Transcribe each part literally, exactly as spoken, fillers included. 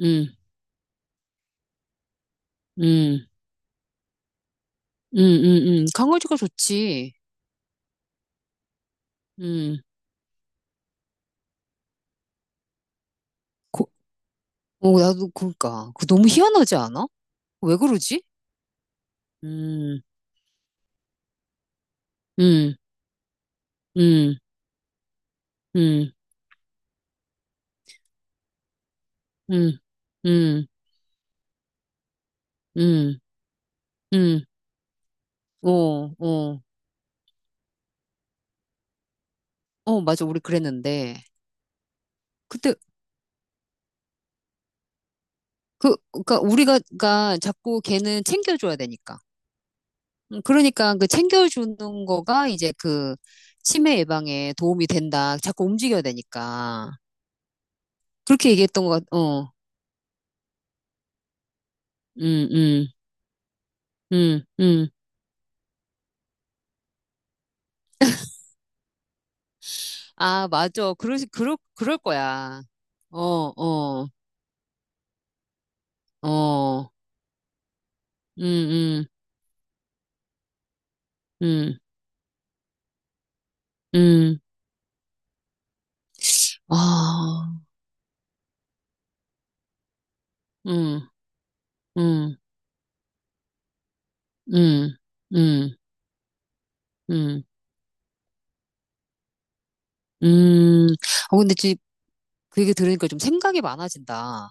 음, 음, 음, 음, 음. 강아지가 좋지. 음. 고, 어, 나도 그니까. 그 너무 희한하지 않아? 왜 그러지? 음, 음, 음, 음, 음, 음, 음, 음. 어, 어. 어, 맞아. 우리 그랬는데. 그때, 그, 그니까 우리가 가 자꾸 걔는 챙겨줘야 되니까. 음, 그러니까 그 챙겨주는 거가 이제 그 치매 예방에 도움이 된다. 자꾸 움직여야 되니까. 그렇게 얘기했던 것 같, 어. 음, 음. 음, 음. 아, 맞아. 그러, 그러, 그럴 거야. 어, 어, 어. 음, 음, 음, 음. 아, 음, 음, 음, 음, 음, 음. 어, 근데 지금 그 얘기 들으니까 좀 생각이 많아진다.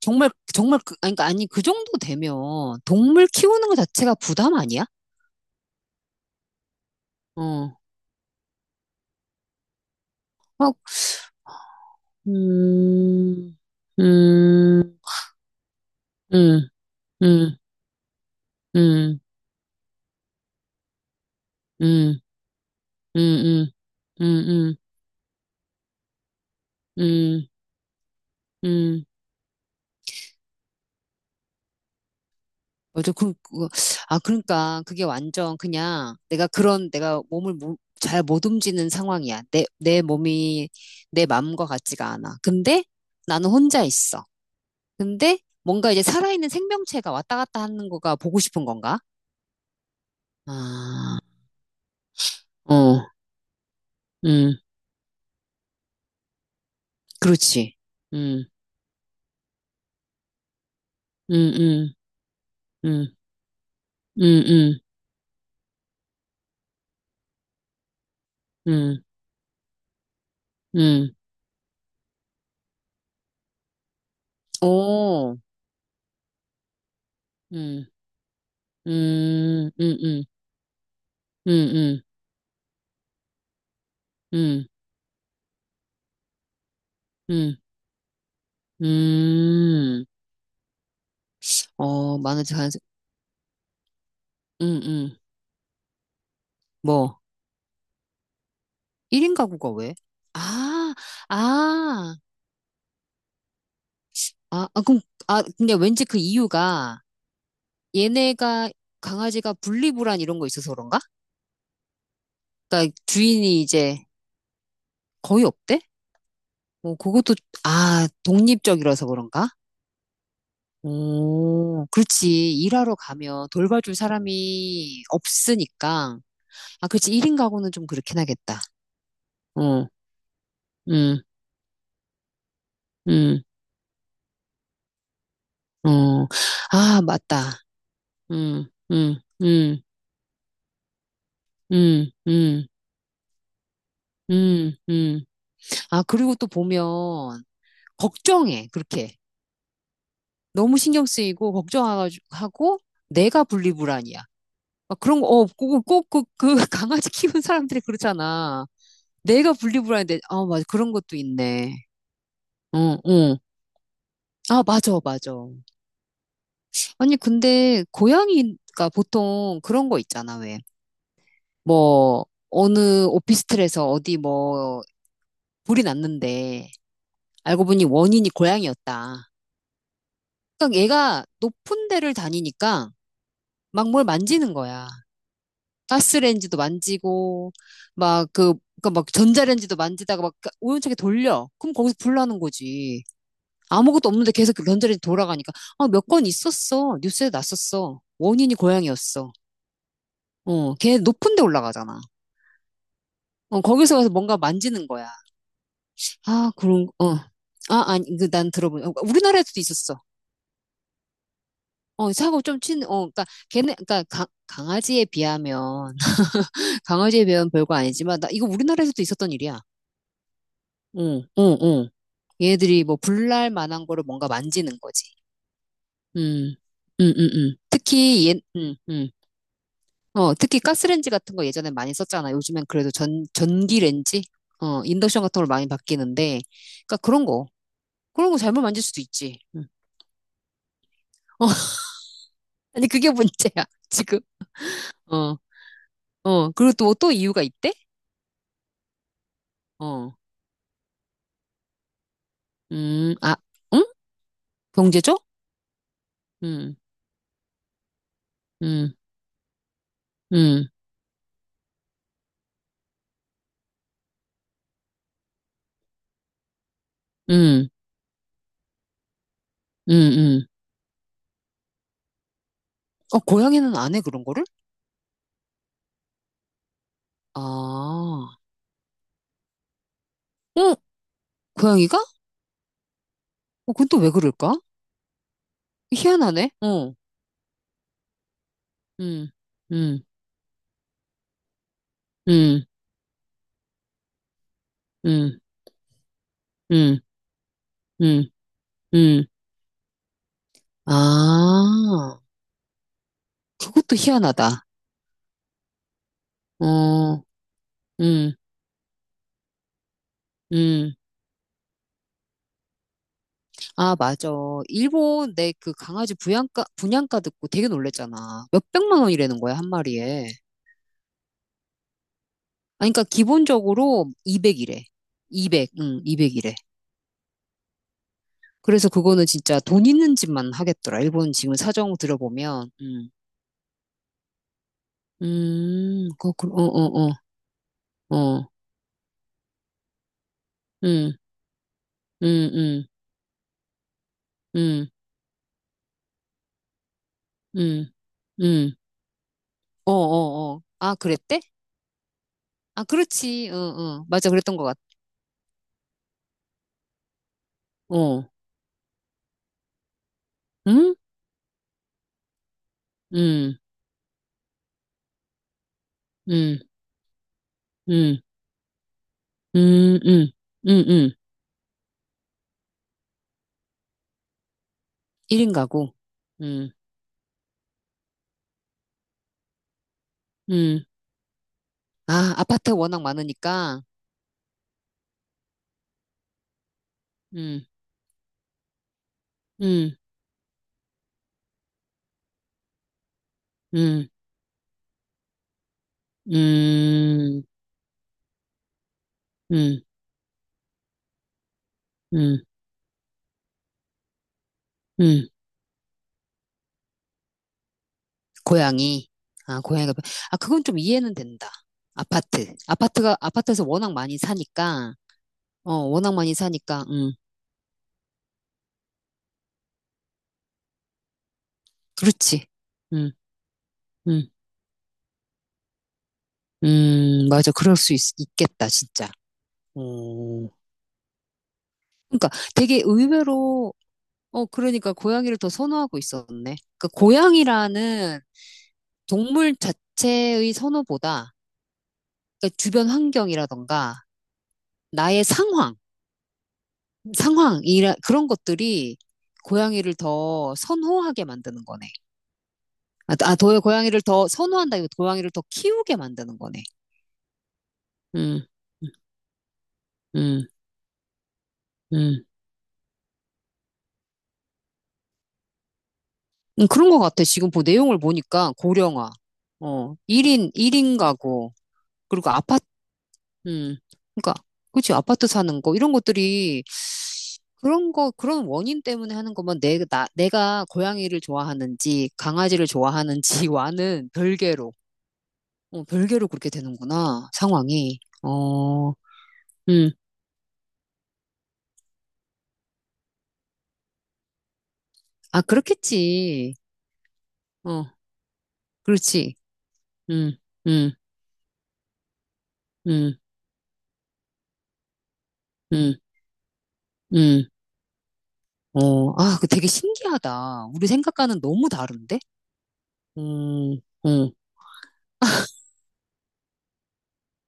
정말, 정말, 그, 아니, 그러니까 아니, 그 정도 되면 동물 키우는 것 자체가 부담 아니야? 어, 어, 음, 음, 음, 음, 음, 음. 음, 음, 음, 음, 음, 음. 맞아. 그, 그, 아, 그러니까 그게 완전 그냥 내가 그런 내가 몸을 잘 못 움직이는 상황이야. 내, 내 몸이 내 마음과 같지가 않아. 근데 나는 혼자 있어. 근데 뭔가 이제 살아있는 생명체가 왔다 갔다 하는 거가 보고 싶은 건가? 아, 어, 음, 그렇지. 음, 음, 음, 음, 음, 음, 음, 음, 오, 음, 음, 음, 음. 음, 음, 음, 음, 음. 어, 많아지 가능성, 음, 음. 뭐, 일 인 가구가 왜? 아, 아, 아, 아, 그럼, 아, 근데 왠지 그 이유가 얘네가, 강아지가 분리불안 이런 거 있어서 그런가? 그러니까 주인이 이제 거의 없대? 뭐, 그것도, 아, 독립적이라서 그런가? 오, 그렇지. 일하러 가면 돌봐줄 사람이 없으니까. 아, 그렇지. 일 인 가구는 좀 그렇긴 하겠다. 어, 음, 음, 어, 아, 맞다. 음, 음, 음, 음, 음, 음, 음. 아, 그리고 또 보면, 걱정해, 그렇게. 너무 신경 쓰이고, 걱정하고, 내가 분리불안이야. 막 그런 거, 어, 꼭, 꼭, 그, 그, 강아지 키우는 사람들이 그렇잖아. 내가 분리불안인데, 아, 맞아. 그런 것도 있네. 응, 응. 아, 맞아, 맞아. 아니, 근데, 고양이가 보통 그런 거 있잖아, 왜. 뭐, 어느 오피스텔에서 어디 뭐, 불이 났는데, 알고 보니 원인이 고양이였다. 그러니까 얘가 높은 데를 다니니까 막 뭘 만지는 거야. 가스레인지도 만지고, 막 그, 그니까 막 전자레인지도 만지다가 막 우연찮게 돌려. 그럼 거기서 불 나는 거지. 아무것도 없는데 계속 그 전자레인지 돌아가니까. 아, 몇 건 있었어. 뉴스에 났었어. 원인이 고양이였어. 어, 걔 높은 데 올라가잖아. 어, 거기서 가서 뭔가 만지는 거야. 아, 그런, 어. 아, 아니, 그 난 들어본, 어, 우리나라에도 서 있었어. 어, 사고 좀 친, 어, 그니까, 걔네, 그니까, 강, 강아지에 비하면, 강아지에 비하면 별거 아니지만, 나 이거 우리나라에서도 있었던 일이야. 응, 응, 응. 얘들이 뭐, 불날 만한 거를 뭔가 만지는 거지. 음, 음, 음, 음. 특히, 얘, 음, 음. 어, 특히 가스레인지 같은 거 예전에 많이 썼잖아. 요즘엔 그래도 전, 전기레인지? 어, 인덕션 같은 걸 많이 바뀌는데, 그니까 그런 거, 그런 거 잘못 만질 수도 있지. 음. 어, 아니, 그게 문제야, 지금. 어, 어. 그리고 또, 또 이유가 있대? 어, 음, 아, 응? 경제죠? 음, 음, 음, 음, 음, 음. 어, 고양이는 안 해, 그런 거를? 아, 어, 고양이가? 어, 그건 또 왜 그럴까? 희한하네. 어, 음, 음, 음, 음, 음, 음, 음. 아, 그것도 희한하다. 어, 음, 음. 아, 맞아. 일본 내 그 강아지 분양가, 분양가 듣고 되게 놀랬잖아. 몇백만 원이라는 거야, 한 마리에. 아, 그러니까 기본적으로 이백이래. 이백, 응, 이백이래. 그래서 그거는 진짜 돈 있는 집만 하겠더라. 일본 지금 사정 들어보면, 음, 음, 그, 그, 어, 어, 어, 어, 음, 음, 음, 음, 음, 음, 어, 어, 어. 아, 그랬대? 아, 그렇지. 어, 어. 맞아, 그랬던 것 같아. 어, 응? 음, 음, 음. 음, 음, 음, 음. 일 인 가구. 음, 음. 아, 아파트 워낙 많으니까. 음, 음, 음, 음, 음, 음, 음. 고양이. 아, 고양이가. 아, 그건 좀 이해는 된다. 아파트. 아파트가, 아파트에서 워낙 많이 사니까. 어, 워낙 많이 사니까. 음, 그렇지. 음, 음, 음, 맞아. 그럴 수 있, 있겠다, 진짜. 오. 그러니까 되게 의외로 어, 그러니까 고양이를 더 선호하고 있었네. 그 고양이라는 동물 자체의 선호보다 그 주변 환경이라던가 나의 상황, 상황, 이라, 그런 것들이 고양이를 더 선호하게 만드는 거네. 아, 아, 더 고양이를 더 선호한다. 이거 고양이를 더 키우게 만드는 거네. 음, 음, 음. 음, 음, 그런 것 같아. 지금 보 내용을 보니까 고령화, 어, 일인 일인 가구, 그리고 아파트, 음, 그러니까, 그치, 아파트 사는 거, 이런 것들이 그런 거, 그런 원인 때문에 하는 거면 내, 나, 내가 고양이를 좋아하는지 강아지를 좋아하는지와는 별개로, 어, 별개로 그렇게 되는구나, 상황이. 어, 음, 아, 그렇겠지. 어, 그렇지. 음, 음, 음, 음, 음. 어, 아, 그 되게 신기하다. 우리 생각과는 너무 다른데? 음, 음.